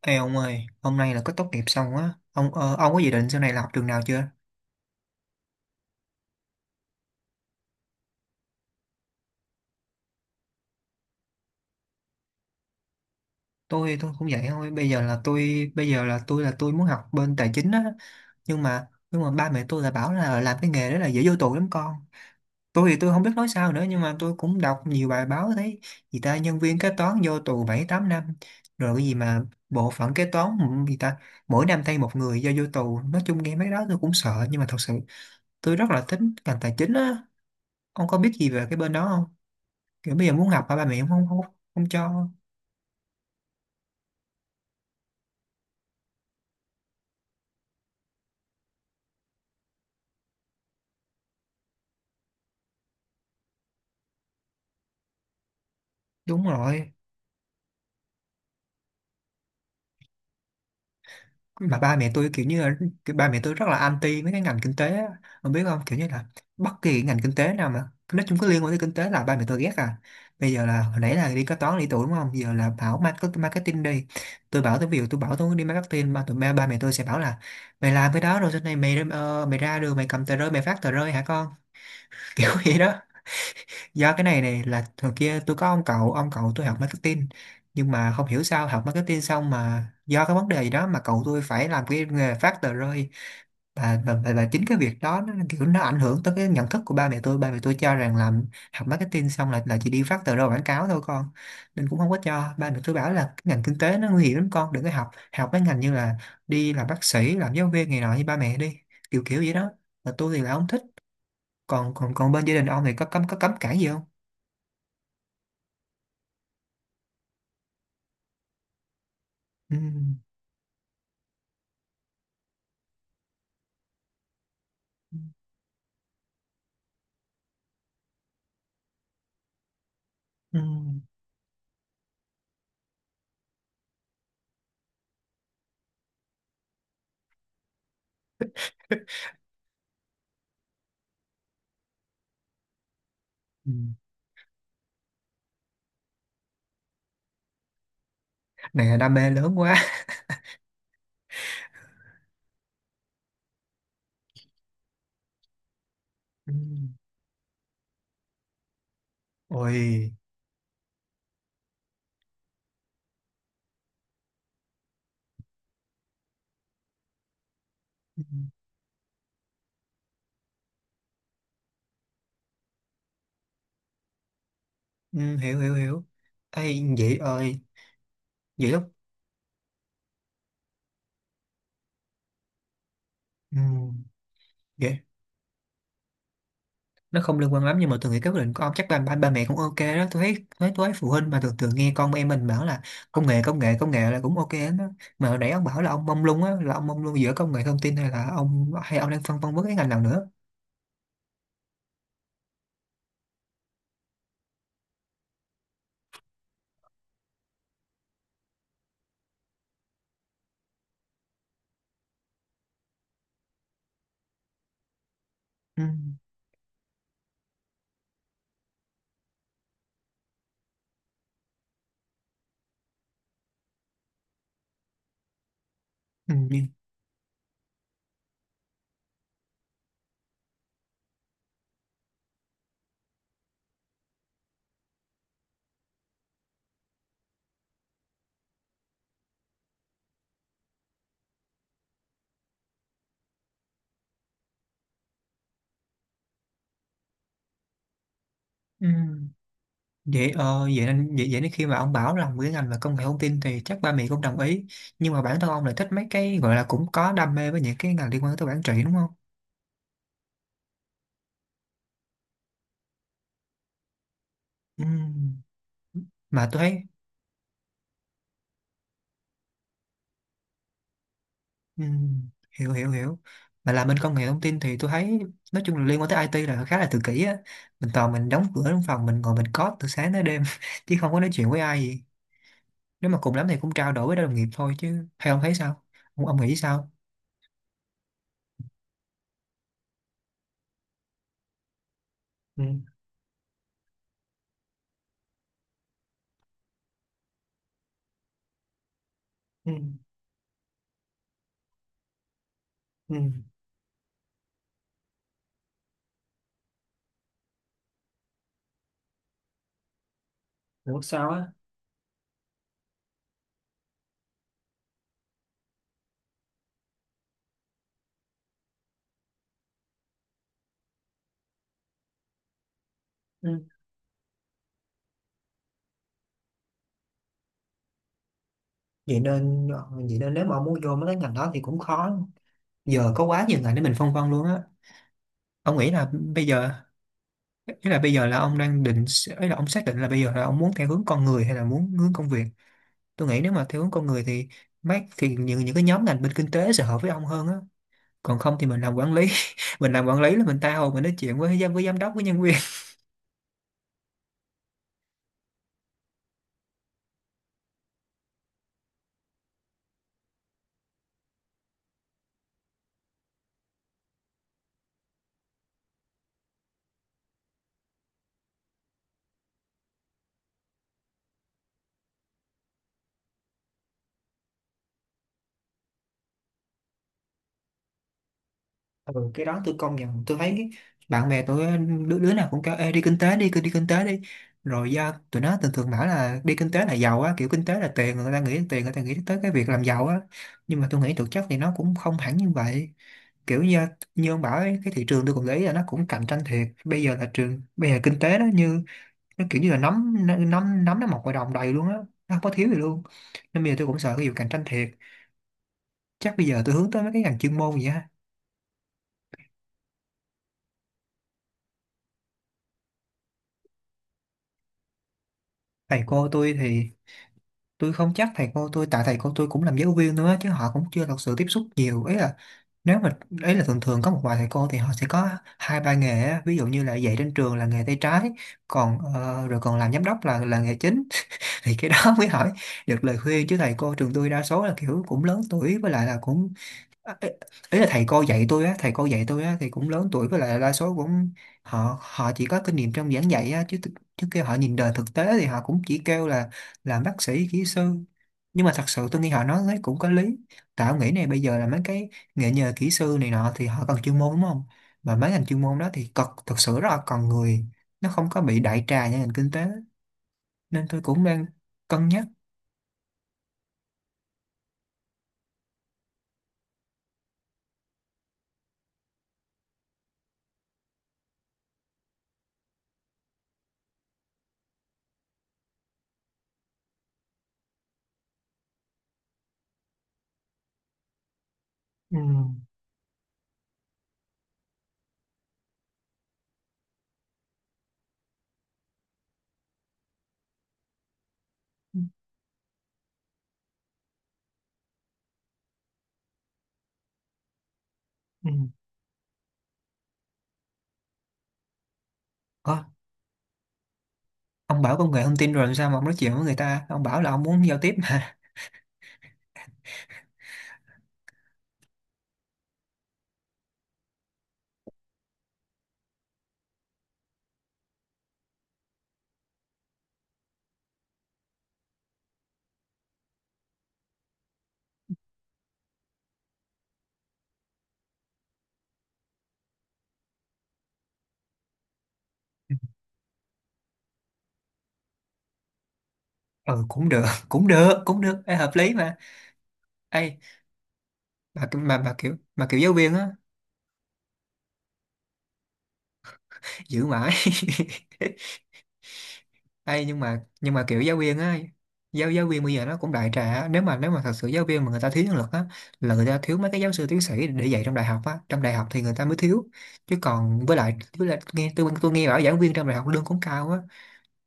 Ê ông ơi, hôm nay là có tốt nghiệp xong á, ông ông có dự định sau này là học trường nào chưa? Tôi cũng vậy thôi, bây giờ là tôi, bây giờ là tôi, là tôi muốn học bên tài chính á, nhưng mà ba mẹ tôi là bảo là làm cái nghề đó là dễ vô tù lắm con. Tôi thì tôi không biết nói sao nữa, nhưng mà tôi cũng đọc nhiều bài báo thấy gì ta nhân viên kế toán vô tù 7 8 năm, rồi cái gì mà bộ phận kế toán, ừ, gì ta mỗi năm thay một người do vô tù. Nói chung nghe mấy cái đó tôi cũng sợ, nhưng mà thật sự tôi rất là thích ngành tài chính á. Ông có biết gì về cái bên đó, kiểu bây giờ muốn học mà ba mẹ cũng không không không cho. Đúng rồi, mà ba mẹ tôi kiểu như là, kiểu ba mẹ tôi rất là anti mấy cái ngành kinh tế á. Ông biết không, kiểu như là bất kỳ ngành kinh tế nào mà nói chung có liên quan tới kinh tế là ba mẹ tôi ghét à. Bây giờ là hồi nãy là đi kế toán lý tưởng đúng không, giờ là bảo marketing đi. Tôi bảo, tôi ví dụ tôi bảo tôi muốn đi marketing mà tụi ba, ba mẹ tôi sẽ bảo là mày làm cái đó rồi sau này mày mày ra đường mày cầm tờ rơi mày phát tờ rơi hả con. Kiểu vậy đó, do cái này này là hồi kia tôi có ông cậu, ông cậu tôi học marketing, nhưng mà không hiểu sao học marketing xong mà do cái vấn đề gì đó mà cậu tôi phải làm cái nghề phát tờ rơi. Và chính cái việc đó nó kiểu nó ảnh hưởng tới cái nhận thức của ba mẹ tôi, ba mẹ tôi cho rằng làm, học marketing xong là chỉ đi phát tờ rơi quảng cáo thôi con. Nên cũng không có cho, ba mẹ tôi bảo là cái ngành kinh tế nó nguy hiểm lắm con, đừng có học, học mấy ngành như là đi làm bác sĩ, làm giáo viên này nọ như ba mẹ đi, kiểu kiểu vậy đó, mà tôi thì là không thích. Còn còn còn bên gia đình ông thì có cấm, có cấm cản gì không? Ừ. Ừ. Ừ. Này là đam mê lớn quá. Ừ. Ôi. Ừ. Ừ, hiểu hiểu hiểu. Ê, vậy ơi, vậy lúc, ừ, vậy nó không liên quan lắm, nhưng mà tôi nghĩ cái quyết định của ông chắc ba, ba, ba mẹ cũng ok đó. Tôi thấy, thấy tôi thấy phụ huynh mà thường thường nghe con em mình bảo là công nghệ, công nghệ, công nghệ là cũng ok lắm đó. Mà hồi nãy ông bảo là ông mông lung á, là ông mông lung giữa công nghệ thông tin hay là ông, hay ông đang phân vân với cái ngành nào nữa. Ừ. Ừ. Ừ. Vậy vậy nên vậy, vậy nên khi mà ông bảo làm cái ngành về công nghệ thông tin thì chắc ba mẹ cũng đồng ý, nhưng mà bản thân ông lại thích mấy cái gọi là cũng có đam mê với những cái ngành liên quan tới quản trị đúng không? Ừm. Mà tôi thấy, ừm, hiểu hiểu hiểu, mà làm bên công nghệ thông tin thì tôi thấy nói chung là liên quan tới IT là khá là tự kỷ á, mình toàn mình đóng cửa trong phòng mình ngồi mình code từ sáng tới đêm, chứ không có nói chuyện với ai gì. Nếu mà cùng lắm thì cũng trao đổi với đồng nghiệp thôi, chứ hay ông thấy sao, ông nghĩ sao? Ừ. Ừ. Ừ. Hiểu sao á. Ừ. Vậy nên vậy nên nếu mà ông muốn vô mấy cái ngành đó thì cũng khó, giờ có quá nhiều ngành để mình phân vân luôn á. Ông nghĩ là bây giờ, ý là bây giờ là ông đang định, ý là ông xác định là bây giờ là ông muốn theo hướng con người hay là muốn hướng công việc. Tôi nghĩ nếu mà theo hướng con người thì mát, thì những cái nhóm ngành bên kinh tế sẽ hợp với ông hơn á. Còn không thì mình làm quản lý, mình làm quản lý là mình tha hồ mình nói chuyện với giám, với giám đốc, với nhân viên. Ừ, cái đó tôi công nhận, tôi thấy bạn bè tôi đứa nào cũng kêu ê, đi kinh tế đi, cứ đi kinh tế đi, rồi do tụi nó thường thường bảo là đi kinh tế là giàu á, kiểu kinh tế là tiền, người ta nghĩ đến tiền, người ta nghĩ tới cái việc làm giàu á, nhưng mà tôi nghĩ thực chất thì nó cũng không hẳn như vậy. Kiểu như như ông bảo ấy, cái thị trường tôi cũng để ý là nó cũng cạnh tranh thiệt, bây giờ là trường, bây giờ kinh tế nó như, nó kiểu như là nắm, nắm nó mọc ngoài đồng đầy luôn á, nó không có thiếu gì luôn. Nên bây giờ tôi cũng sợ cái vụ cạnh tranh thiệt, chắc bây giờ tôi hướng tới mấy cái ngành chuyên môn vậy á. Thầy cô tôi thì, tôi không chắc thầy cô tôi, tại thầy cô tôi cũng làm giáo viên nữa chứ, họ cũng chưa thật sự tiếp xúc nhiều ấy, là nếu mà, ấy là thường thường có một vài thầy cô thì họ sẽ có hai ba nghề á. Ví dụ như là dạy trên trường là nghề tay trái, còn rồi còn làm giám đốc là nghề chính, thì cái đó mới hỏi được lời khuyên, chứ thầy cô trường tôi đa số là kiểu cũng lớn tuổi, với lại là cũng, ê, ý là thầy cô dạy tôi á, thầy cô dạy tôi á thì cũng lớn tuổi với lại đa số cũng, họ họ chỉ có kinh nghiệm trong giảng dạy á, chứ thực-, chứ kêu họ nhìn đời thực tế thì họ cũng chỉ kêu là làm bác sĩ, kỹ sư. Nhưng mà thật sự tôi nghĩ họ nói ấy cũng có lý, tạo nghĩ này, bây giờ là mấy cái nghề nhờ kỹ sư này nọ thì họ cần chuyên môn đúng không, mà mấy ngành chuyên môn đó thì cực, thật sự rất là cần người, nó không có bị đại trà như ngành kinh tế, nên tôi cũng đang cân nhắc. Ừ. Ừ. Ông bảo công nghệ thông tin rồi làm sao mà ông nói chuyện với người ta, ông bảo là ông muốn giao tiếp mà. Ừ, cũng được, cũng được, cũng được, ê, hợp lý mà. Ê, mà kiểu, mà kiểu giáo viên á, giữ mãi, ê, nhưng mà kiểu giáo viên á, giáo giáo viên bây giờ nó cũng đại trà á. Nếu mà, nếu mà thật sự giáo viên mà người ta thiếu nhân lực á, là người ta thiếu mấy cái giáo sư tiến sĩ để dạy trong đại học á, trong đại học thì người ta mới thiếu. Chứ còn, với lại nghe tôi nghe bảo giảng viên trong đại học lương cũng cao á,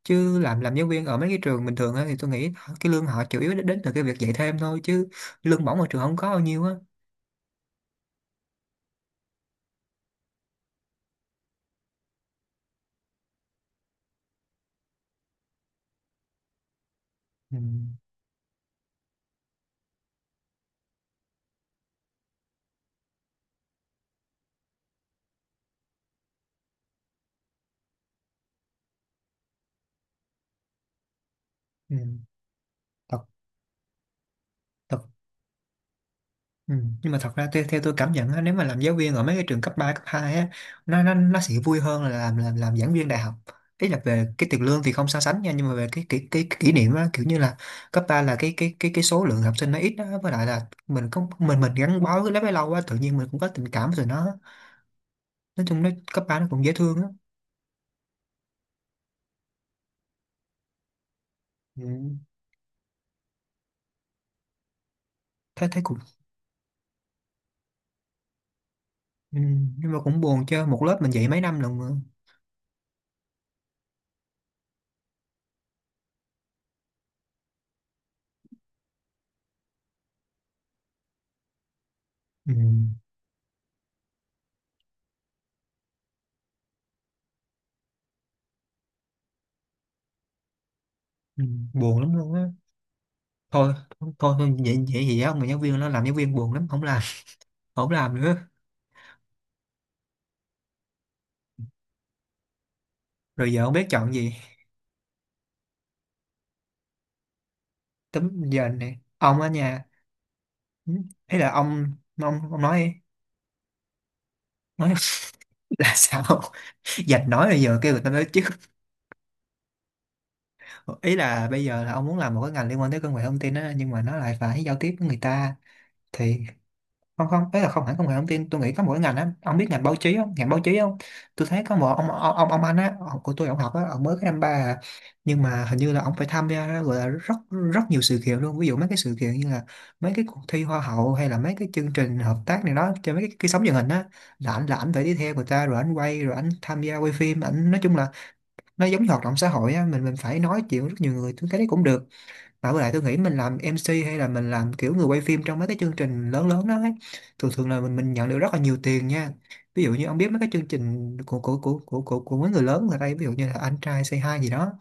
chứ làm giáo viên ở mấy cái trường bình thường á thì tôi nghĩ cái lương họ chủ yếu đến, đến từ cái việc dạy thêm thôi, chứ lương bổng ở trường không có bao nhiêu á. Ừ. Ừ. Thật, thật. Ừ. Nhưng mà thật ra theo, theo tôi cảm nhận á, nếu mà làm giáo viên ở mấy cái trường cấp ba, cấp 2 á, nó sẽ vui hơn là làm giảng viên đại học. Ý là về cái tiền lương thì không so sánh nha, nhưng mà về cái, cái kỷ niệm á, kiểu như là cấp 3 là cái số lượng học sinh nó ít đó, với lại là mình có mình gắn bó cái lớp ấy lâu quá tự nhiên mình cũng có tình cảm rồi nó, nói chung nó cấp 3 nó cũng dễ thương á. Ừ. Thế thế cũng, ừ, nhưng mà cũng buồn chứ, một lớp mình dạy mấy năm lần mà. Ừ. Ừ. Buồn lắm luôn á. Thôi thôi thôi, vậy vậy gì á, mà giáo viên nó, làm giáo viên buồn lắm, không làm, không làm nữa. Rồi giờ không biết chọn gì, tấm giờ này ông ở nhà, ừ, ấy là ông, ông nói đi. Nói là sao dạch nói bây giờ kêu người ta nói chứ. Ý là bây giờ là ông muốn làm một cái ngành liên quan tới công nghệ thông tin á, nhưng mà nó lại phải giao tiếp với người ta thì không không đấy là không hẳn công nghệ thông tin. Tôi nghĩ có mỗi ngành á, ông biết ngành báo chí không? Ngành báo chí không, tôi thấy có một ông anh á, ông của tôi, ông học á, ông mới cái năm ba à. Nhưng mà hình như là ông phải tham gia, gọi là rất rất nhiều sự kiện luôn, ví dụ mấy cái sự kiện như là mấy cái cuộc thi hoa hậu hay là mấy cái chương trình hợp tác này đó cho mấy cái sóng truyền hình á, là ảnh, là ảnh phải đi theo người ta, rồi ảnh quay, rồi ảnh tham gia quay phim ảnh, nói chung là nó giống như hoạt động xã hội á. Mình phải nói chuyện với rất nhiều người, tôi thấy đấy cũng được. Mà với lại tôi nghĩ mình làm MC hay là mình làm kiểu người quay phim trong mấy cái chương trình lớn lớn đó ấy, thường thường là mình nhận được rất là nhiều tiền nha. Ví dụ như ông biết mấy cái chương trình của mấy người lớn ở đây, ví dụ như là Anh Trai Say Hi gì đó,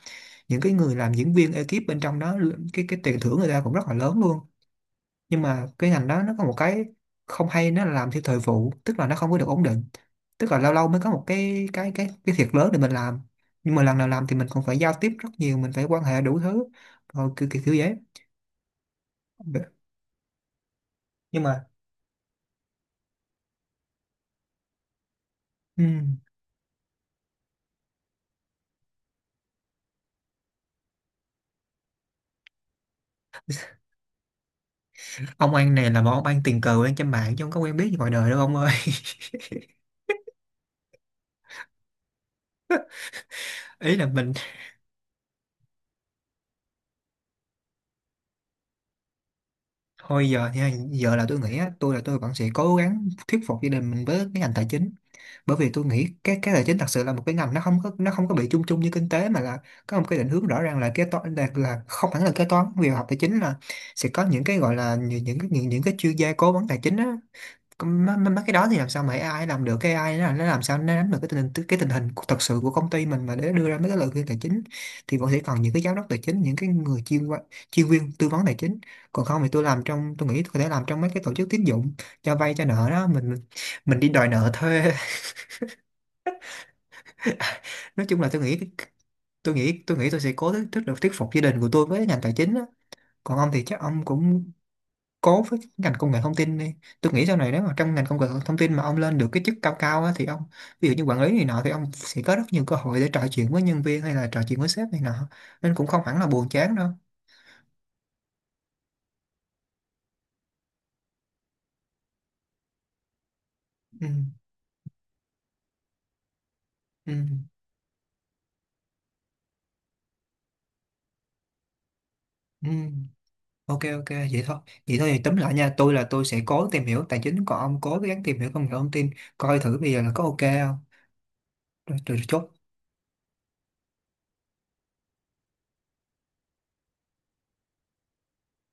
những cái người làm diễn viên ekip bên trong đó, cái tiền thưởng người ta cũng rất là lớn luôn. Nhưng mà cái ngành đó nó có một cái không hay, nó là làm theo thời vụ, tức là nó không có được ổn định. Tức là lâu lâu mới có một cái thiệt lớn để mình làm. Nhưng mà lần nào làm thì mình cũng phải giao tiếp rất nhiều, mình phải quan hệ đủ thứ. Rồi kiểu kiểu, kiểu vậy. Nhưng mà ừm, ông An này là một ông An tình cờ quen trên mạng chứ không có quen biết gì ngoài đời đâu ông ơi. ý là mình thôi. Giờ thì giờ là tôi nghĩ á, tôi là tôi vẫn sẽ cố gắng thuyết phục gia đình mình với cái ngành tài chính, bởi vì tôi nghĩ cái tài chính thật sự là một cái ngành nó không có bị chung chung như kinh tế, mà là có một cái định hướng rõ ràng là kế toán là không hẳn là kế toán, vì học tài chính là sẽ có những cái gọi là những cái chuyên gia cố vấn tài chính á. Còn Mấy, mấy mấy cái đó thì làm sao mà AI làm được, cái AI nó làm sao nó nắm được cái tình hình của- thật sự của công ty mình mà để đưa ra mấy cái lời khuyên tài chính, thì vẫn sẽ còn những cái giám đốc tài chính, những cái người chuyên viên tư vấn tài chính. Còn không thì tôi làm trong tôi nghĩ tôi có thể làm trong mấy cái tổ chức tín dụng cho vay cho nợ đó, mình đi đòi nợ thuê. nói chung là tôi nghĩ tôi sẽ cố thuyết thuyết được thuyết phục gia đình của tôi với ngành tài chính á. Còn ông thì chắc ông cũng cố với ngành công nghệ thông tin đi. Tôi nghĩ sau này nếu mà trong ngành công nghệ thông tin mà ông lên được cái chức cao cao á, thì ông, ví dụ như quản lý này nọ, thì ông sẽ có rất nhiều cơ hội để trò chuyện với nhân viên hay là trò chuyện với sếp này nọ, nên cũng không hẳn là buồn chán đâu. Ừ, ừ, ừ. Ok ok, vậy thôi. Vậy thôi thì tóm lại nha, tôi là tôi sẽ cố tìm hiểu tài chính, còn ông cố gắng tìm hiểu công nghệ thông tin, coi thử bây giờ là có ok không. Rồi, rồi chốt.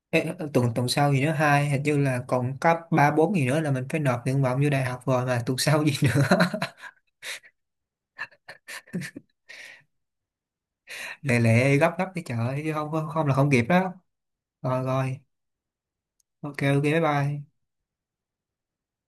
Ê, tuần tuần sau gì nữa, hai hình như là còn có ba bốn gì nữa là mình phải nộp nguyện vọng vô đại học rồi mà tuần sau gì nữa. Lẹ lẹ gấp gấp cái chợ, chứ không không, không là không kịp đó. Rồi rồi, ok ok, bye bye.